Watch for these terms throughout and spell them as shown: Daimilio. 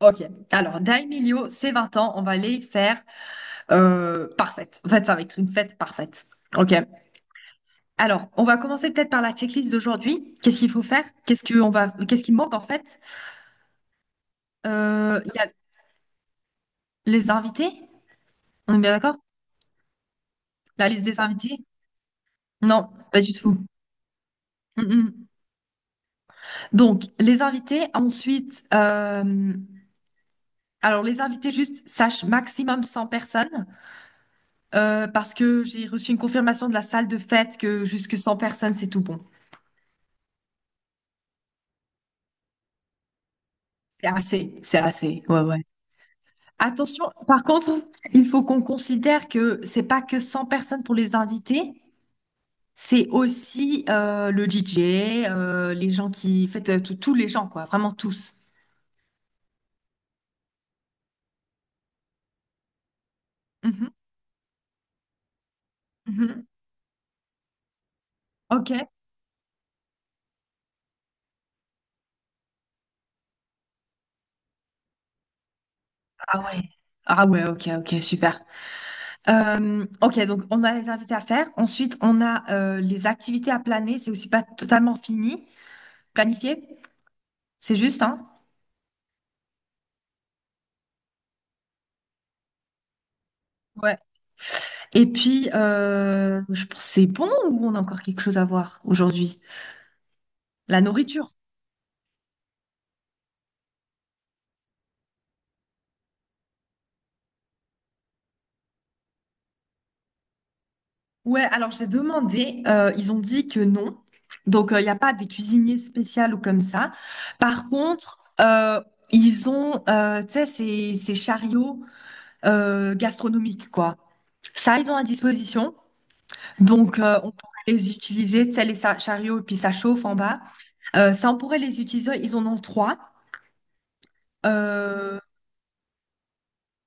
Ok, alors Daimilio, c'est 20 ans, on va les faire parfaites. En fait, ça va être une fête parfaite. Ok. Alors, on va commencer peut-être par la checklist d'aujourd'hui. Qu'est-ce qu'il faut faire? Qu'est-ce que on va, qu'est-ce qui manque en fait? Il y a les invités. On est bien d'accord? La liste des invités? Non, pas du tout. Mm-mm. Donc, les invités. Ensuite, alors les invités juste sache maximum 100 personnes parce que j'ai reçu une confirmation de la salle de fête que jusque 100 personnes c'est tout bon. C'est assez, c'est assez. Ouais, ouais. Attention, par contre, il faut qu'on considère que c'est pas que 100 personnes pour les invités, c'est aussi le DJ, les gens qui, en fait, tous les gens, quoi, vraiment tous. Mhm, mhm. Ok. Ah ouais. Ah ouais, ok, ok, super. Ok, donc on a les invités à faire. Ensuite, on a les activités à planer. C'est aussi pas totalement fini, planifié. C'est juste, hein? Et puis, je pense c'est bon ou on a encore quelque chose à voir aujourd'hui? La nourriture. Ouais, alors j'ai demandé, ils ont dit que non. Donc, il n'y a pas des cuisiniers spéciaux ou comme ça. Par contre, ils ont, tu sais, ces chariots gastronomiques, quoi. Ça, ils ont à disposition. Donc, on pourrait les utiliser, tu sais, les chariots, et puis ça chauffe en bas. Ça, on pourrait les utiliser. Ils en ont trois. Euh,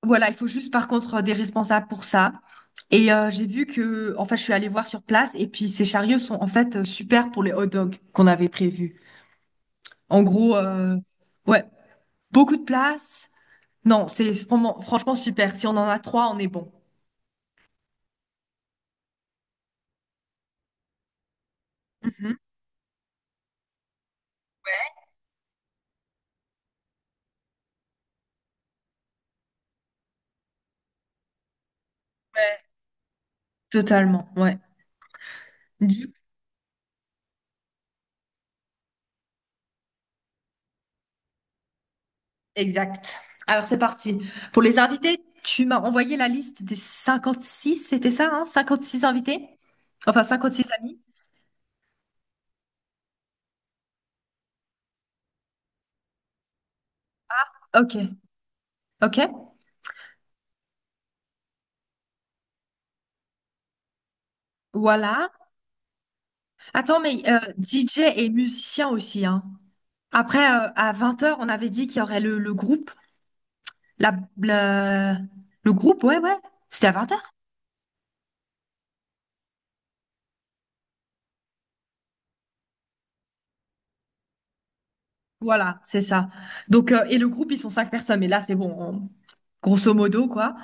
Voilà, il faut juste par contre des responsables pour ça. Et j'ai vu que, en fait, je suis allée voir sur place et puis ces chariots sont en fait super pour les hot dogs qu'on avait prévus. En gros, ouais, beaucoup de place. Non, c'est franchement super. Si on en a trois, on est bon. Mhm. Ouais, totalement, ouais. Du. Exact. Alors c'est parti. Pour les invités, tu m'as envoyé la liste des 56, c'était ça, hein? Six invités? Enfin, 56 amis. Ok, ok. Voilà. Attends, mais DJ et musicien aussi, hein. Après, à 20 heures on avait dit qu'il y aurait le groupe. La, la- Le groupe, ouais, ouais. C'était à 20 heures. Voilà, c'est ça. Donc, et le groupe, ils sont cinq personnes, mais là, c'est bon, grosso modo, quoi.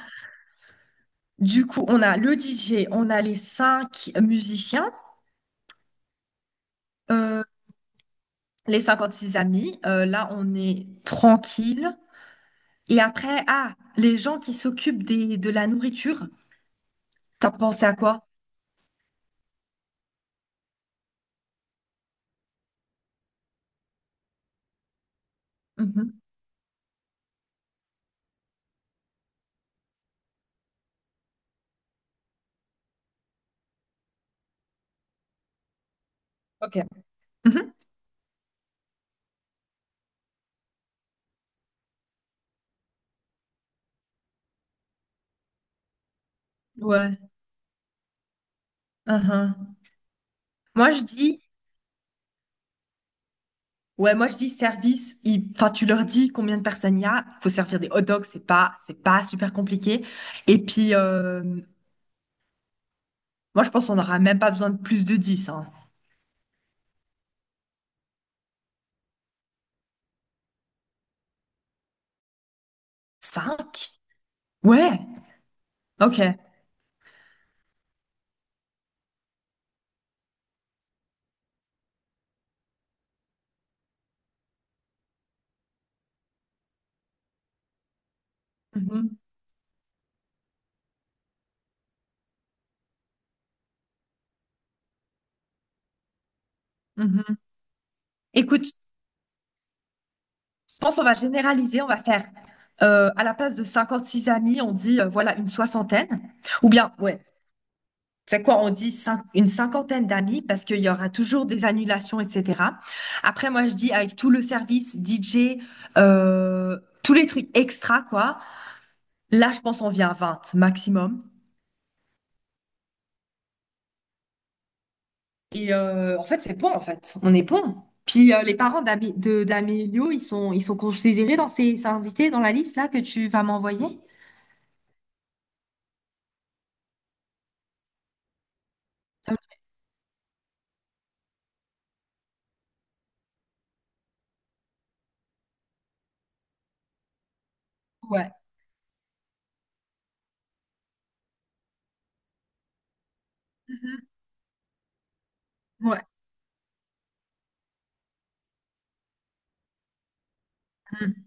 Du coup, on a le DJ, on a les cinq musiciens, euh, les six amis. Là, on est tranquille. Et après, ah, les gens qui s'occupent des, de la nourriture. T'as pensé à quoi? Mhm. Ok. Mhm. Ouais. Uhum. Moi, je dis, ouais, moi, je dis service. Enfin, tu leur dis combien de personnes il y a. Faut servir des hot dogs. C'est pas super compliqué. Et puis, moi, je pense qu'on n'aura même pas besoin de plus de 10, hein. 5? Ouais. OK. Mhm, mhm. Écoute, je pense qu'on va généraliser. On va faire, à la place de 56 amis, on dit, voilà, une soixantaine. Ou bien, ouais, c'est quoi, on dit une cinquantaine d'amis parce qu'il y aura toujours des annulations, etc. Après, moi, je dis avec tout le service, DJ, euh, tous les trucs extra, quoi. Là, je pense on vient à 20 maximum. Et en fait, c'est bon, en fait. On est bon. Puis les parents d'Amélio, ils sont considérés dans ces invités, dans la liste là que tu vas m'envoyer? Ça me- Ouais. Mhm. Ouais. Mm.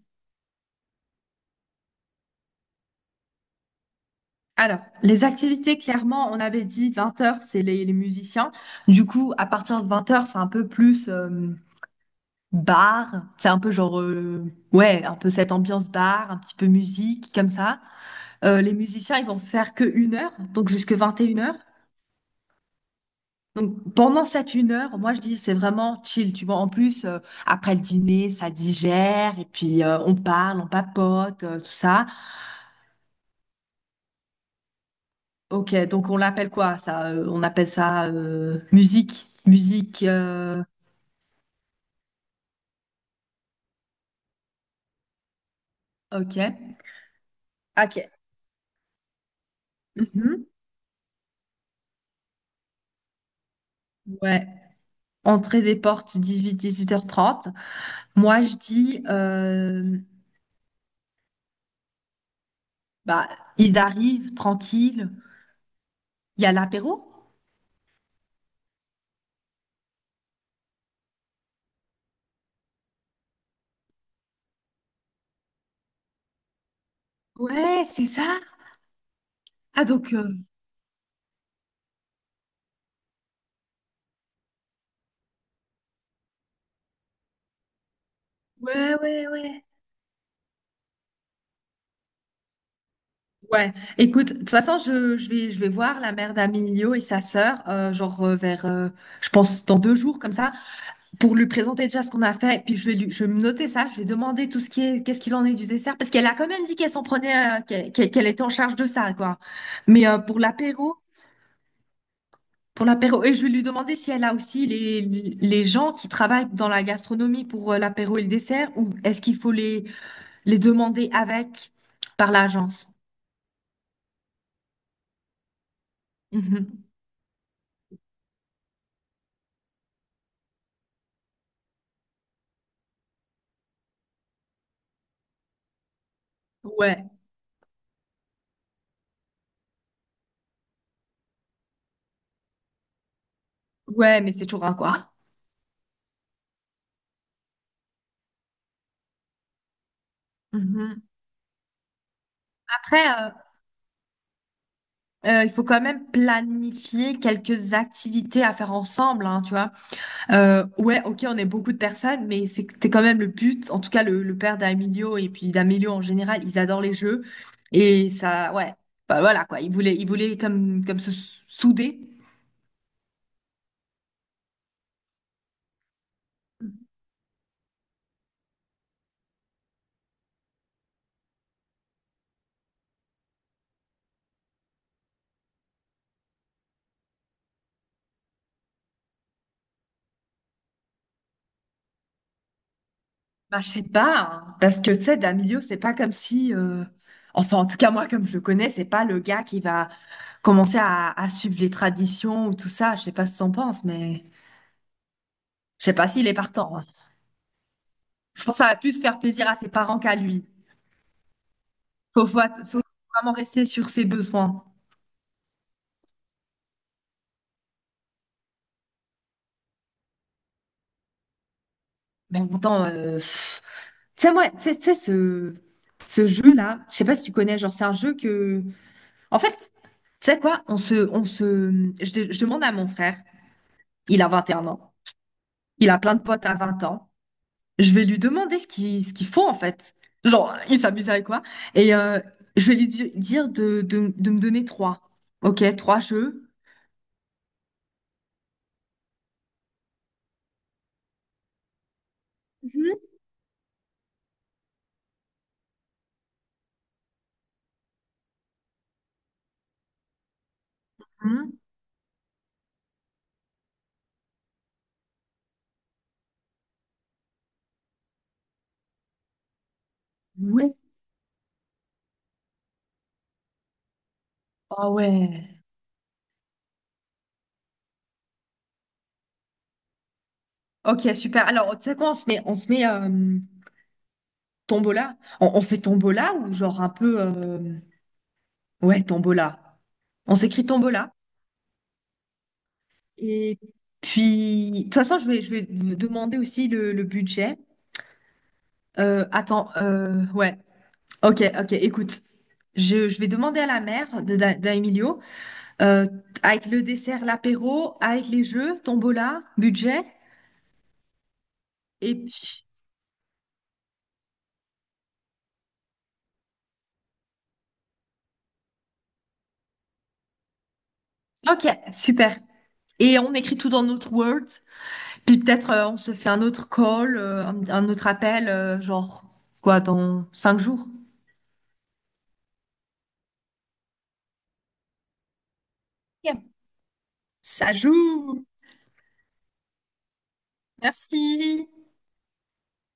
Alors, les activités, clairement, on avait dit 20 heures, c'est les musiciens. Du coup, à partir de 20 heures, c'est un peu plus bar. C'est un peu genre, ouais, un peu cette ambiance bar, un petit peu musique, comme ça. Les musiciens, ils vont faire que une heure, donc jusque 21 heures. Donc pendant cette une heure, moi je dis c'est vraiment chill, tu vois. En plus, après le dîner, ça digère, et puis on parle, on papote, tout ça. Ok, donc on l'appelle quoi ça? On appelle ça musique. Musique. Ok. Ok. Mhm. Ouais. Entrée des portes 18-18h30. Moi, je dis, bah, il arrive tranquille. Il y a l'apéro? Ouais, c'est ça. Ah, donc, ouais, ouais, ouais. Ouais, écoute, de toute façon, je vais voir la mère d'Amilio et sa sœur, genre vers, je pense, dans 2 jours, comme ça. Pour lui présenter déjà ce qu'on a fait. Puis je vais lui, je vais me noter ça, je vais demander tout ce qui est, qu'est-ce qu'il en est du dessert, parce qu'elle a quand même dit qu'elle s'en prenait, qu'elle était en charge de ça, quoi. Mais pour l'apéro, et je vais lui demander si elle a aussi les gens qui travaillent dans la gastronomie pour l'apéro et le dessert, ou est-ce qu'il faut les demander avec par l'agence? Mhm. Ouais, ouais, mais c'est toujours un quoi. Mhm. Après, il faut quand même planifier quelques activités à faire ensemble, hein, tu vois. Ouais, ok, on est beaucoup de personnes, mais c'était quand même le but. En tout cas, le père d'Amilio et puis d'Amilio en général, ils adorent les jeux. Et ça, ouais, bah voilà quoi. Ils voulaient comme se souder. Bah, je sais pas, hein, parce que tu sais, d'Amilio, c'est pas comme si. Enfin, en tout cas, moi, comme je le connais, c'est pas le gars qui va commencer à suivre les traditions ou tout ça. Je sais pas ce que t'en penses, mais je sais pas s'il est partant, hein. Je pense que ça va plus faire plaisir à ses parents qu'à lui. Faut, faut, faut vraiment rester sur ses besoins. Mais en même temps, pff, tu sais, moi, tu sais, ce jeu-là, je sais pas si tu connais, genre, c'est un jeu que. En fait, tu sais quoi, on se. Je demande à mon frère, il a 21 ans, il a plein de potes à 20 ans, je vais lui demander ce qu'il faut, en fait. Genre, il s'amuse avec quoi? Et je vais lui dire de me donner trois. Ok, trois jeux. Mhm. Hmm, ouais. Ah ouais. Ok, super. Alors, tu sais quoi, on se met, Tombola? On fait Tombola ou genre un peu. Ouais, Tombola. On s'écrit Tombola. Et puis, de toute façon, je vais vous demander aussi le budget. Attends, ouais. Ok, ok, écoute. Je vais demander à la mère d'Emilio, euh, avec le dessert, l'apéro, avec les jeux, Tombola, budget. Et puis, ok, super. Et on écrit tout dans notre Word. Puis peut-être on se fait un autre call, un autre appel, genre quoi, dans 5 jours. Ok. Ça joue. Merci.